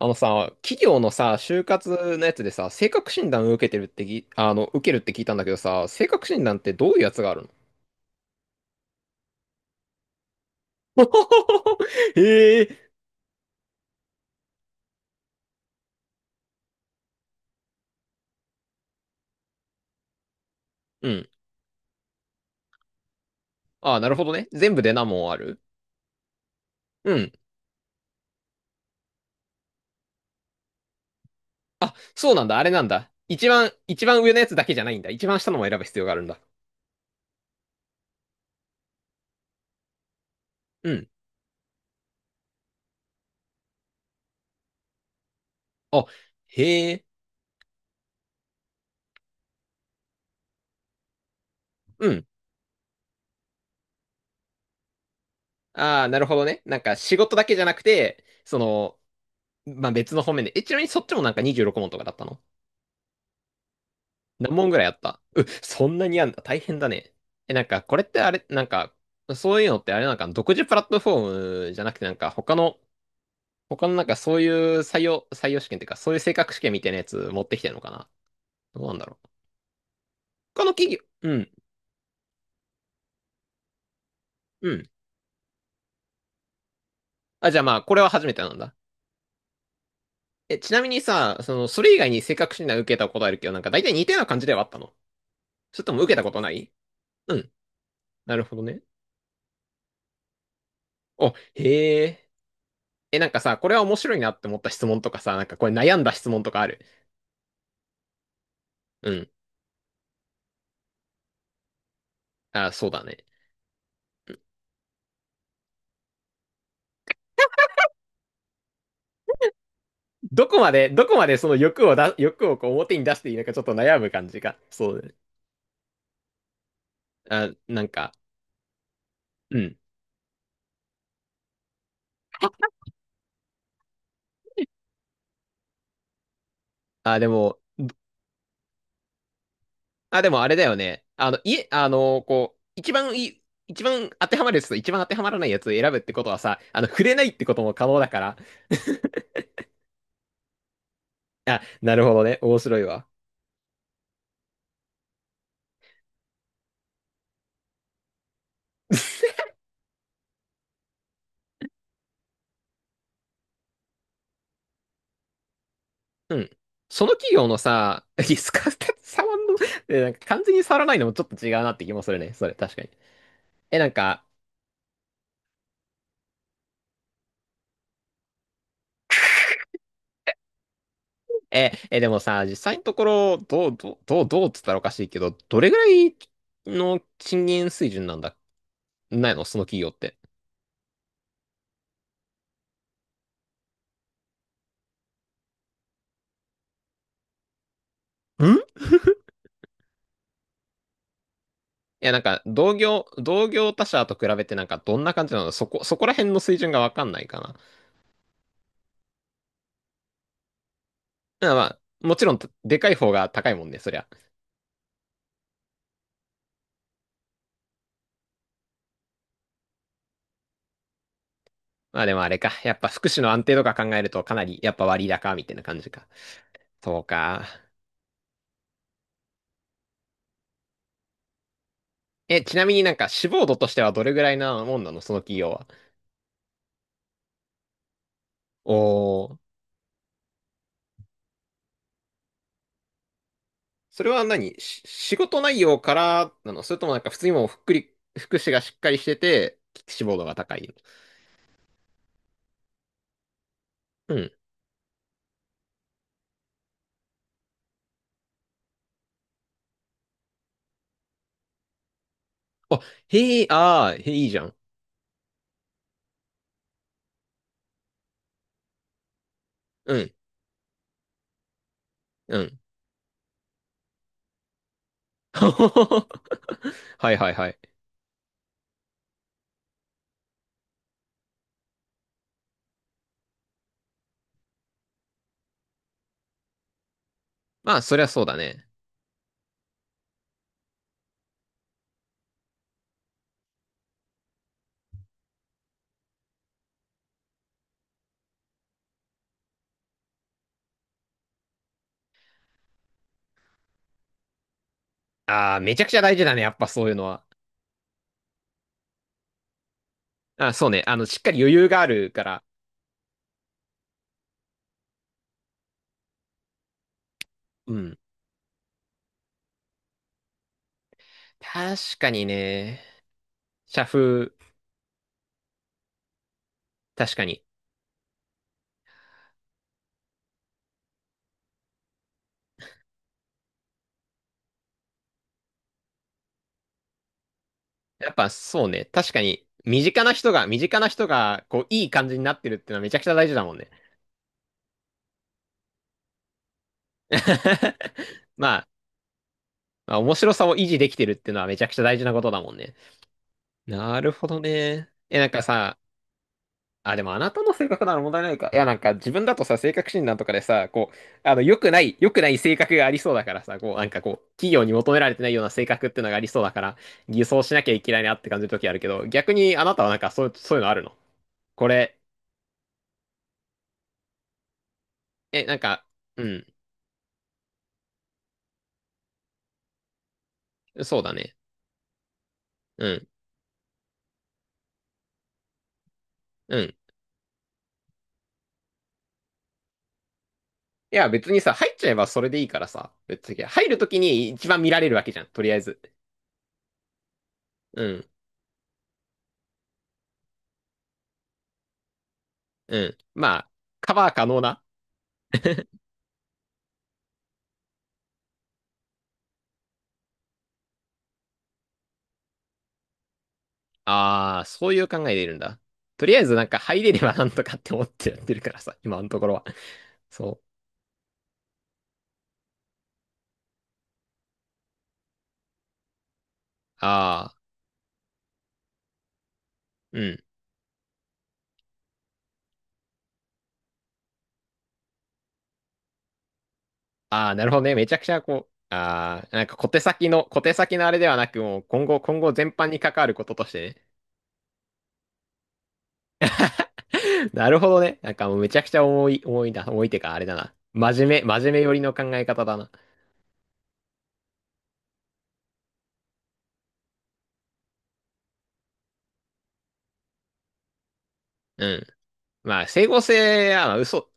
あのさ、企業のさ、就活のやつでさ、性格診断を受けてるってぎ、あの、受けるって聞いたんだけどさ、性格診断ってどういうやつがあるの？ へえ。うん。ああ、なるほどね。全部で何問ある？うん。あ、そうなんだ。あれなんだ。一番上のやつだけじゃないんだ。一番下のも選ぶ必要があるんだ。うん。あ、へえ。うん。ああ、なるほどね。仕事だけじゃなくて、まあ、別の方面で。え、ちなみにそっちも26問とかだったの？何問ぐらいあったそんなにあんだ。大変だね。え、なんか、これってあれ、そういうのってあれ独自プラットフォームじゃなくて、他のそういう採用試験っていうか、そういう性格試験みたいなやつ持ってきてるのかな？どうなんだろう。他の企業、うん、うん。あ、じゃあまあ、これは初めてなんだ。え、ちなみにさ、その、それ以外に性格診断受けたことあるけど、大体似たような感じではあったの？それとも受けたことない？うん。なるほどね。お、へえ。え、なんかさ、これは面白いなって思った質問とかさ、これ悩んだ質問とかある？うん。あ、そうだね。どこまでその欲をこう表に出していいのかちょっと悩む感じが。そうね。あ、なんか、うん。あ、でも、あ、でもあれだよね。あの、いえ、あの、こう、一番当てはまるやつと一番当てはまらないやつを選ぶってことはさ、触れないってことも可能だから。あ、なるほどね。面白いわ。うん。その企業のさ、リスカーって触んの、えなんか完全に触らないのもちょっと違うなって気もするね。それ、確かに。え、なんか、でもさ、実際のところ、どうっつったらおかしいけど、どれぐらいの賃金水準なんだ、ないのその企業って。んいや、同業他社と比べてどんな感じなのそこ、そこら辺の水準がわかんないかな。だからまあ、もちろん、でかい方が高いもんね、そりゃ。まあでもあれか。やっぱ福祉の安定とか考えると、かなり、やっぱ割高、みたいな感じか。そうか。え、ちなみに志望度としてはどれぐらいなもんなのその企業は。おー。それは何し仕事内容からなのそれとも普通にもうふっくり、福祉がしっかりしてて、志望度が高い。うん。あ、へえ、ああ、へえ、いいじゃん。うん、うん。はいはいはい。まあ、そりゃそうだね。ああ、めちゃくちゃ大事だね、やっぱそういうのは。あ、そうね。あの、しっかり余裕があるから。うん。確かにね。社風、確かに。やっぱそうね。確かに、身近な人が、こう、いい感じになってるってのはめちゃくちゃ大事だもんね。まあ、まあ面白さを維持できてるっていうのはめちゃくちゃ大事なことだもんね。なるほどね。え、なんかさ、あ、でもあなたの性格なら問題ないか。いや、なんか自分だとさ、性格診断とかでさ、こう、良くない性格がありそうだからさ、企業に求められてないような性格っていうのがありそうだから、偽装しなきゃいけないなって感じる時あるけど、逆にあなたはなんかそういうのあるの？これ、え、なんか、うん、そうだね。うん、うん。いや、別にさ、入っちゃえばそれでいいからさ。別に、入るときに一番見られるわけじゃん、とりあえず。うん、うん。まあ、カバー可能な。ああ、そういう考えでいるんだ。とりあえずなんか入れればなんとかって思ってやってるからさ、今のところは。そう。ああ、うん。ああ、なるほどね。めちゃくちゃこう、ああ、なんか小手先のあれではなく、もう今後、今後全般に関わることとしてね。なるほどね。なんかもうめちゃくちゃ重いてかあれだな。真面目寄りの考え方だな。うん。まあ、整合性は、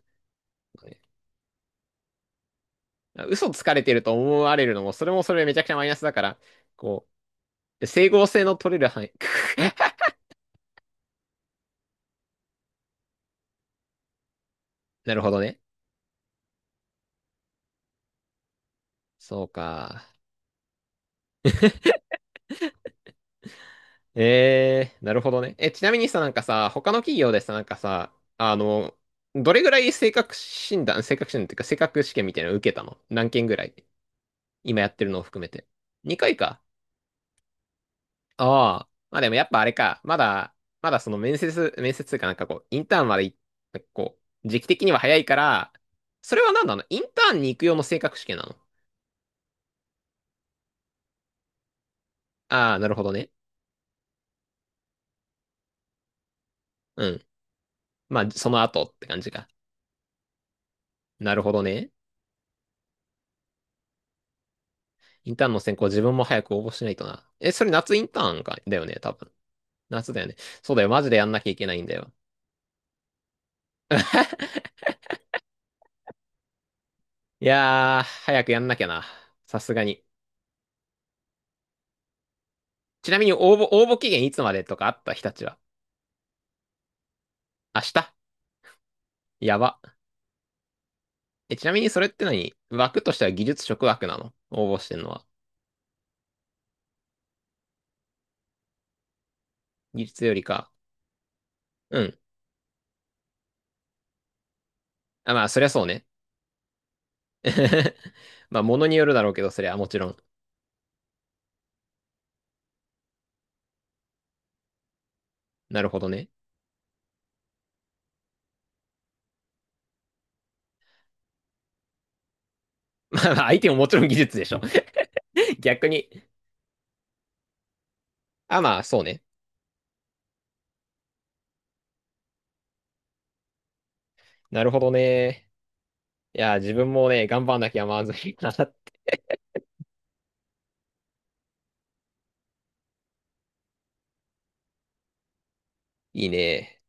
嘘つかれてると思われるのも、それもそれめちゃくちゃマイナスだから、こう、整合性の取れる範囲。なるほどね。そうか。えー、なるほどね。え、ちなみにさ、なんかさ、他の企業でさ、なんかさ、あの、どれぐらい性格診断っていうか、性格試験みたいなの受けたの何件ぐらい今やってるのを含めて。2回か。ああ、まあでもやっぱあれか、まだその面接というかなんかこう、インターンまでい、こう、時期的には早いから、それは何なのインターンに行く用の性格試験なの？ああ、なるほどね。うん。まあ、その後って感じか。なるほどね。インターンの選考自分も早く応募しないとな。え、それ夏インターンか、だよね、多分。夏だよね。そうだよ、マジでやんなきゃいけないんだよ。いやー、早くやんなきゃな。さすがに。ちなみに応募期限いつまでとかあった日立は。明日やば。え、ちなみにそれって何枠としては技術職枠なの応募してんのは。技術よりか。うん。あ、まあ、そりゃそうね。まあ、ものによるだろうけど、そりゃもちろん。なるほどね。まあ、まあ相手ももちろん技術でしょ。逆に。あ、まあ、そうね。なるほどね。いや、自分もね、頑張んなきゃまずいな。いいね。